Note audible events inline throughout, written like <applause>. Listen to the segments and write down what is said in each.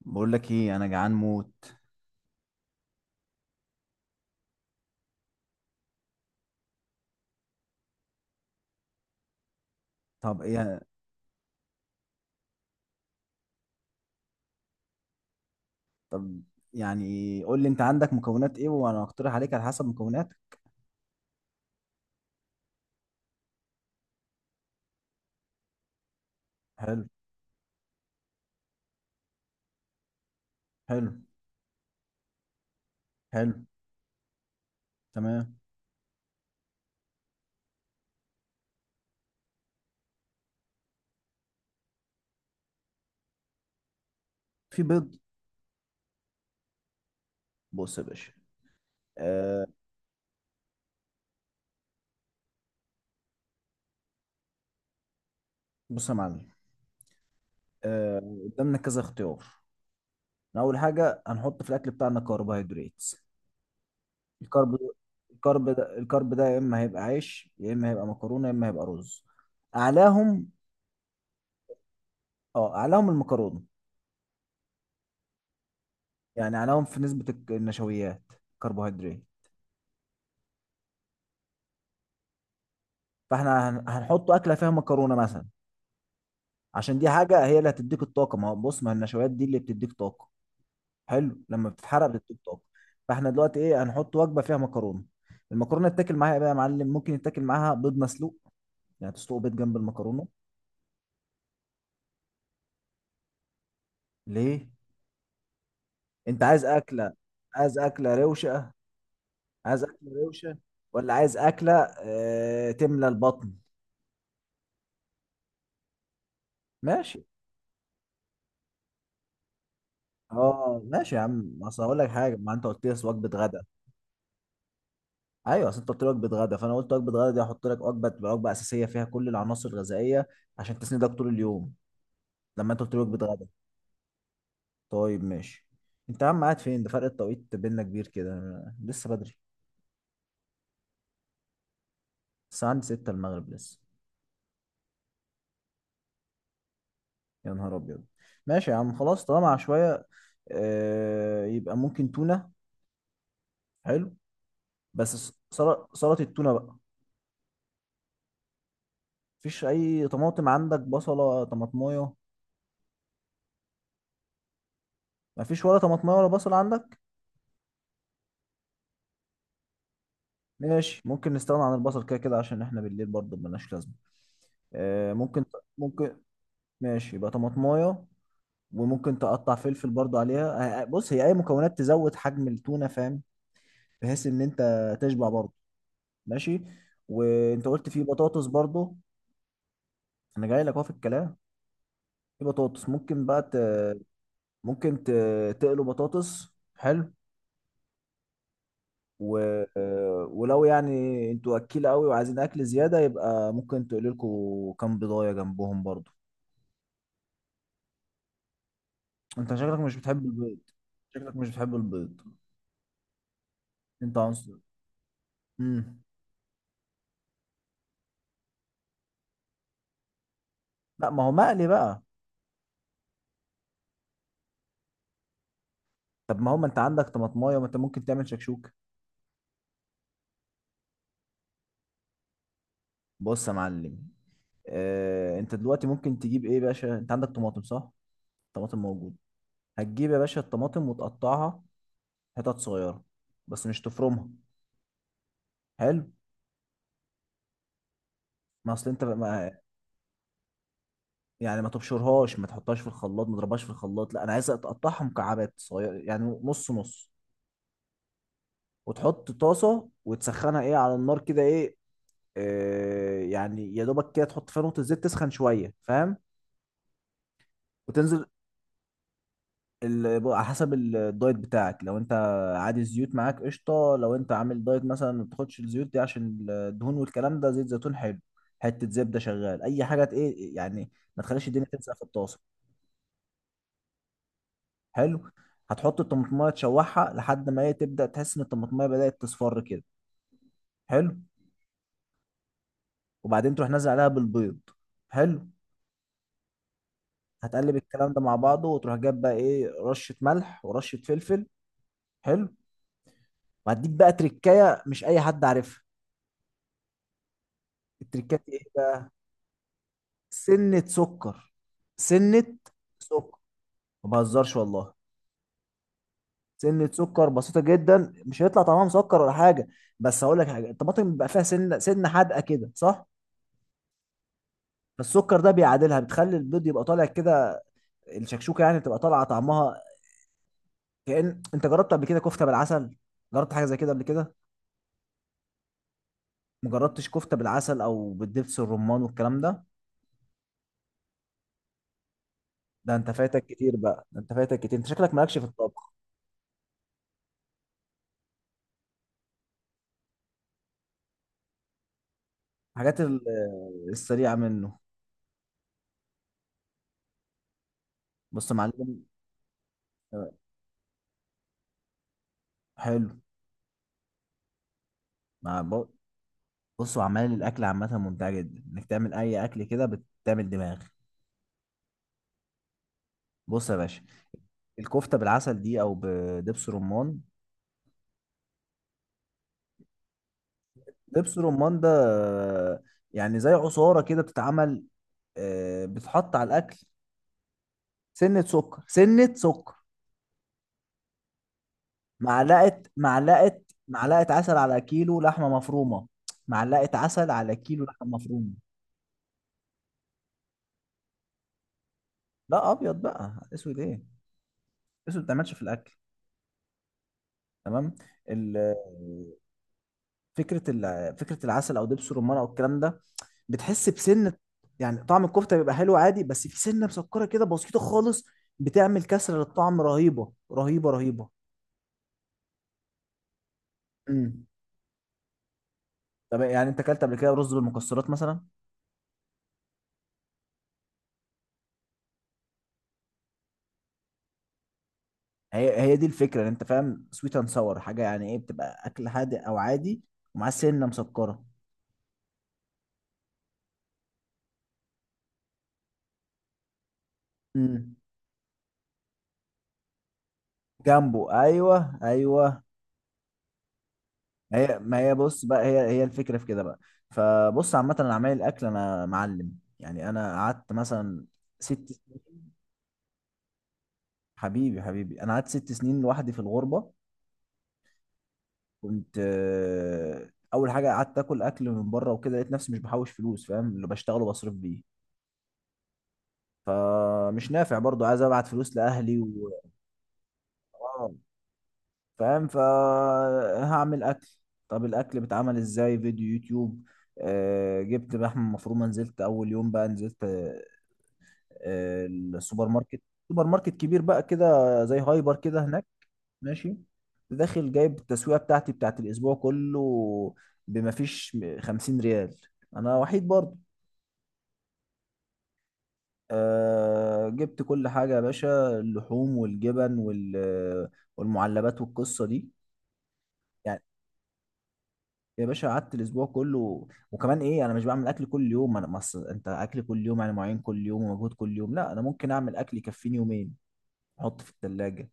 بقول لك ايه، انا جعان موت. طب ايه؟ طب، يعني قول لي انت عندك مكونات ايه، وانا هقترح عليك على حسب مكوناتك. حلو. حلو. حلو. تمام. في بيض. بص يا باشا. آه. بص يا معلم. آه. قدامنا كذا اختيار. اول حاجه هنحط في الاكل بتاعنا كربوهيدرات. الكرب الكرب ده يا اما هيبقى عيش، يا اما هيبقى مكرونه، يا اما هيبقى رز. اعلاهم؟ اه، اعلاهم المكرونه. يعني اعلاهم في نسبه النشويات، كربوهيدرات. فاحنا هنحط اكله فيها مكرونه مثلا، عشان دي حاجه هي اللي هتديك الطاقه. ما هو بص، ما النشويات دي اللي بتديك طاقه. حلو، لما بتتحرق بتديك طاقه. فاحنا دلوقتي ايه، هنحط وجبه فيها مكرونه. المكرونه تتاكل معاها ايه بقى يا معلم؟ ممكن يتاكل معاها بيض مسلوق، يعني تسلق بيض جنب المكرونه. ليه؟ انت عايز اكله؟ عايز اكله روشه. عايز اكله روشه. ولا عايز اكله اه تملى البطن؟ ماشي. اه، ماشي يا عم، اصل هقول لك حاجه. ما انت قلت لي وجبه غدا. ايوه، اصل انت قلت لي وجبه غدا، فانا قلت وجبه غدا دي هحط لك وجبه، تبقى وجبه اساسيه فيها كل العناصر الغذائيه، عشان تسندك طول اليوم. لما انت قلت لي وجبه غدا. طيب ماشي. انت يا عم قاعد فين؟ ده فرق التوقيت بيننا كبير كده، أنا لسه بدري. الساعه عندي 6 المغرب لسه. يا نهار ابيض. ماشي يا عم خلاص، طالما شويه. آه، يبقى ممكن تونه. حلو. بس سلطه التونه بقى. مفيش اي طماطم عندك، بصله، طماطمايه؟ مفيش ولا طماطمايه ولا بصل عندك؟ ماشي، ممكن نستغنى عن البصل كده كده، عشان احنا بالليل برضه ملناش لازمه. آه ممكن. ممكن. ماشي، يبقى طماطمايه، وممكن تقطع فلفل برضه عليها. آه، آه، بص، هي اي مكونات تزود حجم التونه، فاهم، بحيث ان انت تشبع برضه. ماشي. وانت قلت في بطاطس برضه. انا جاي لك اهو في الكلام. في بطاطس ممكن بقى ممكن تقلوا بطاطس، حلو. و... آه، ولو يعني انتوا اكيله قوي وعايزين اكل زياده، يبقى ممكن تقلوا لكم كام بيضايه جنبهم برضه. انت شكلك مش بتحب البيض. شكلك مش بتحب البيض. انت عنصر. امم لا، ما هو مقلي بقى. طب، ما هو ما انت عندك طماطمايه، ما انت ممكن تعمل شكشوك. بص يا معلم. اه، انت دلوقتي ممكن تجيب ايه يا باشا؟ انت عندك طماطم صح؟ طماطم موجود. هتجيب يا باشا الطماطم وتقطعها حتت صغيره، بس مش تفرمها. حلو. ما اصل انت ما... يعني ما تبشرهاش، ما تحطهاش في الخلاط، ما تضربهاش في الخلاط، لا انا عايز تقطعها مكعبات صغيره، يعني نص نص. وتحط طاسه وتسخنها، ايه، على النار كده، ايه. يعني يا دوبك كده، تحط فيها نقطة زيت، تسخن شوية، فاهم. وتنزل على حسب الدايت بتاعك، لو انت عادي الزيوت معاك قشطة، لو انت عامل دايت مثلا ما بتاخدش الزيوت دي عشان الدهون والكلام ده، زيت زيتون حلو، حتة زبدة شغال، أي حاجة ايه يعني، ما تخليش الدنيا تلزق في الطاسة. حلو. هتحط الطماطماية تشوحها لحد ما هي تبدأ تحس إن الطماطماية بدأت تصفر كده. حلو. وبعدين تروح نازل عليها بالبيض. حلو. هتقلب الكلام ده مع بعضه، وتروح جايب بقى ايه، رشة ملح ورشة فلفل. حلو. وهديك بقى تركايه، مش اي حد عارفها. التركايه دي ايه بقى؟ سنه سكر. سنه سكر. ما بهزرش والله. سنه سكر بسيطه جدا، مش هيطلع طعمها مسكر ولا حاجه. بس هقول لك حاجه، الطماطم بيبقى فيها سنه، سنه حادقه كده صح؟ فالسكر ده بيعادلها، بتخلي البيض يبقى طالع كده. الشكشوكه يعني تبقى طالعه طعمها. كأن انت جربت قبل كده كفته بالعسل؟ جربت حاجه زي كده قبل كده؟ مجربتش كفته بالعسل او بالدبس الرمان والكلام ده. ده انت فايتك كتير بقى، ده انت فايتك كتير، انت شكلك مالكش في الطبخ. الحاجات السريعة منه. بص يا معلم. آه. حلو. مع ب- بص، وعمال الأكل عامة ممتعة جدا إنك تعمل أي أكل كده، بتعمل دماغ. بص يا باشا. الكفتة بالعسل دي أو بدبس رمان. دبس رمان ده، آه، يعني زي عصارة كده بتتعمل، آه، بتحط على الأكل. سنة سكر. سنة سكر. معلقة. معلقة عسل على كيلو لحمة مفرومة. معلقة عسل على كيلو لحمة مفرومة. لا، أبيض بقى، أسود إيه؟ أسود ما بتعملش في الأكل. تمام. ال- فكره العسل او دبس الرمان او الكلام ده، بتحس بسنه، يعني طعم الكفته بيبقى حلو عادي، بس في سنه مسكره كده بسيطه خالص. بتعمل كسره للطعم رهيبه رهيبه رهيبه. امم. طب يعني انت اكلت قبل كده رز بالمكسرات مثلا؟ هي هي دي الفكره، ان انت فاهم، سويت اند ساور حاجه، يعني ايه بتبقى اكل هادئ او عادي، ومعاه سنه مسكره. امم. جنبه، ايوه ايوه. ما هي، ما هي، بص بقى، هي هي الفكره في كده بقى. فبص عامه، انا عمال الاكل انا معلم. يعني انا قعدت مثلا 6 سنين. حبيبي، حبيبي، انا قعدت 6 سنين لوحدي في الغربه. كنت اول حاجه قعدت اكل اكل من بره وكده، لقيت نفسي مش بحوش فلوس، فاهم، اللي بشتغله بصرف بيه. مش نافع برضو، عايز ابعت فلوس لاهلي و... آه، فاهم، فهعمل اكل. طب الاكل بيتعمل ازاي؟ فيديو يوتيوب. جبت لحمه مفرومه، نزلت اول يوم بقى، نزلت السوبر ماركت، سوبر ماركت كبير بقى كده، زي هايبر كده هناك. ماشي. داخل جايب التسويقه بتاعتي بتاعت الاسبوع كله، بما فيش 50 ريال، انا وحيد برضه. أه، جبت كل حاجه يا باشا، اللحوم والجبن والمعلبات والقصه دي. يعني يا باشا، قعدت الاسبوع كله، وكمان ايه، انا مش بعمل اكل كل يوم، انت اكل كل يوم يعني معين كل يوم ومجهود كل يوم، لا انا ممكن اعمل اكل يكفيني يومين، احط في الثلاجه.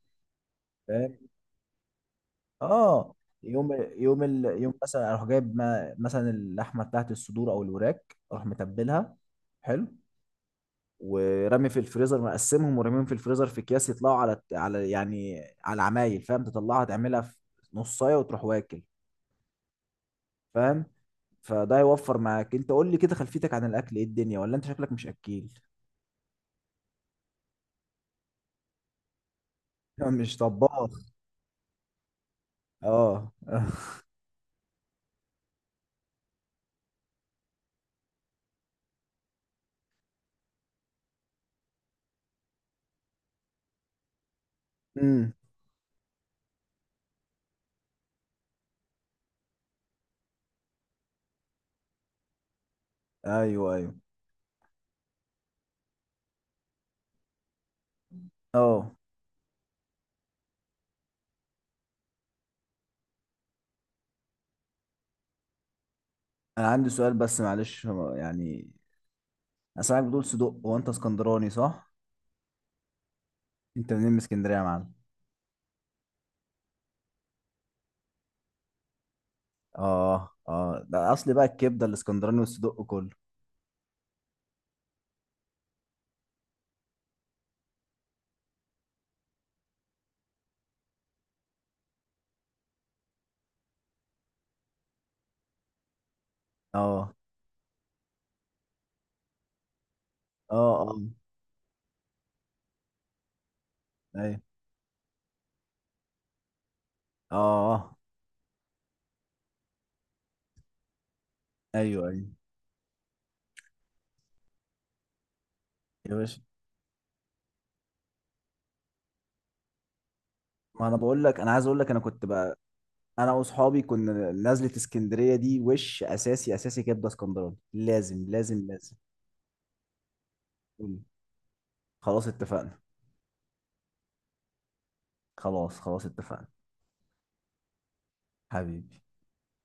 اه. يوم. يوم مثلا اروح جايب ما... مثلا اللحمه بتاعت الصدور او الوراك، اروح متبلها. حلو. ورمي في الفريزر، مقسمهم ورميهم في الفريزر في اكياس، يطلعوا على يعني على العمايل، فاهم، تطلعها تعملها في نصايه وتروح واكل. فاهم. فده هيوفر معاك، انت قول لي كده خلفيتك عن الاكل ايه الدنيا، ولا انت شكلك مش اكيل. <laughs> مش طباخ. اه <laughs> امم. ايوه ايوه. اه. انا عندي سؤال بس معلش، يعني انا سامعك بتقول صدق، هو انت اسكندراني صح؟ انت منين من اسكندريه يا معلم؟ اه، اه، ده اصل بقى الكبده الاسكندراني والصدق كله. اه. اه. اه. ايوه. اه. آه. ايوه ايوه. يا باشا. ما انا بقول لك، انا عايز اقول لك انا كنت بقى، انا واصحابي كنا نازله اسكندريه دي وش اساسي، اساسي كبده اسكندراني، لازم لازم لازم. قول. خلاص اتفقنا. خلاص خلاص اتفقنا. حبيبي.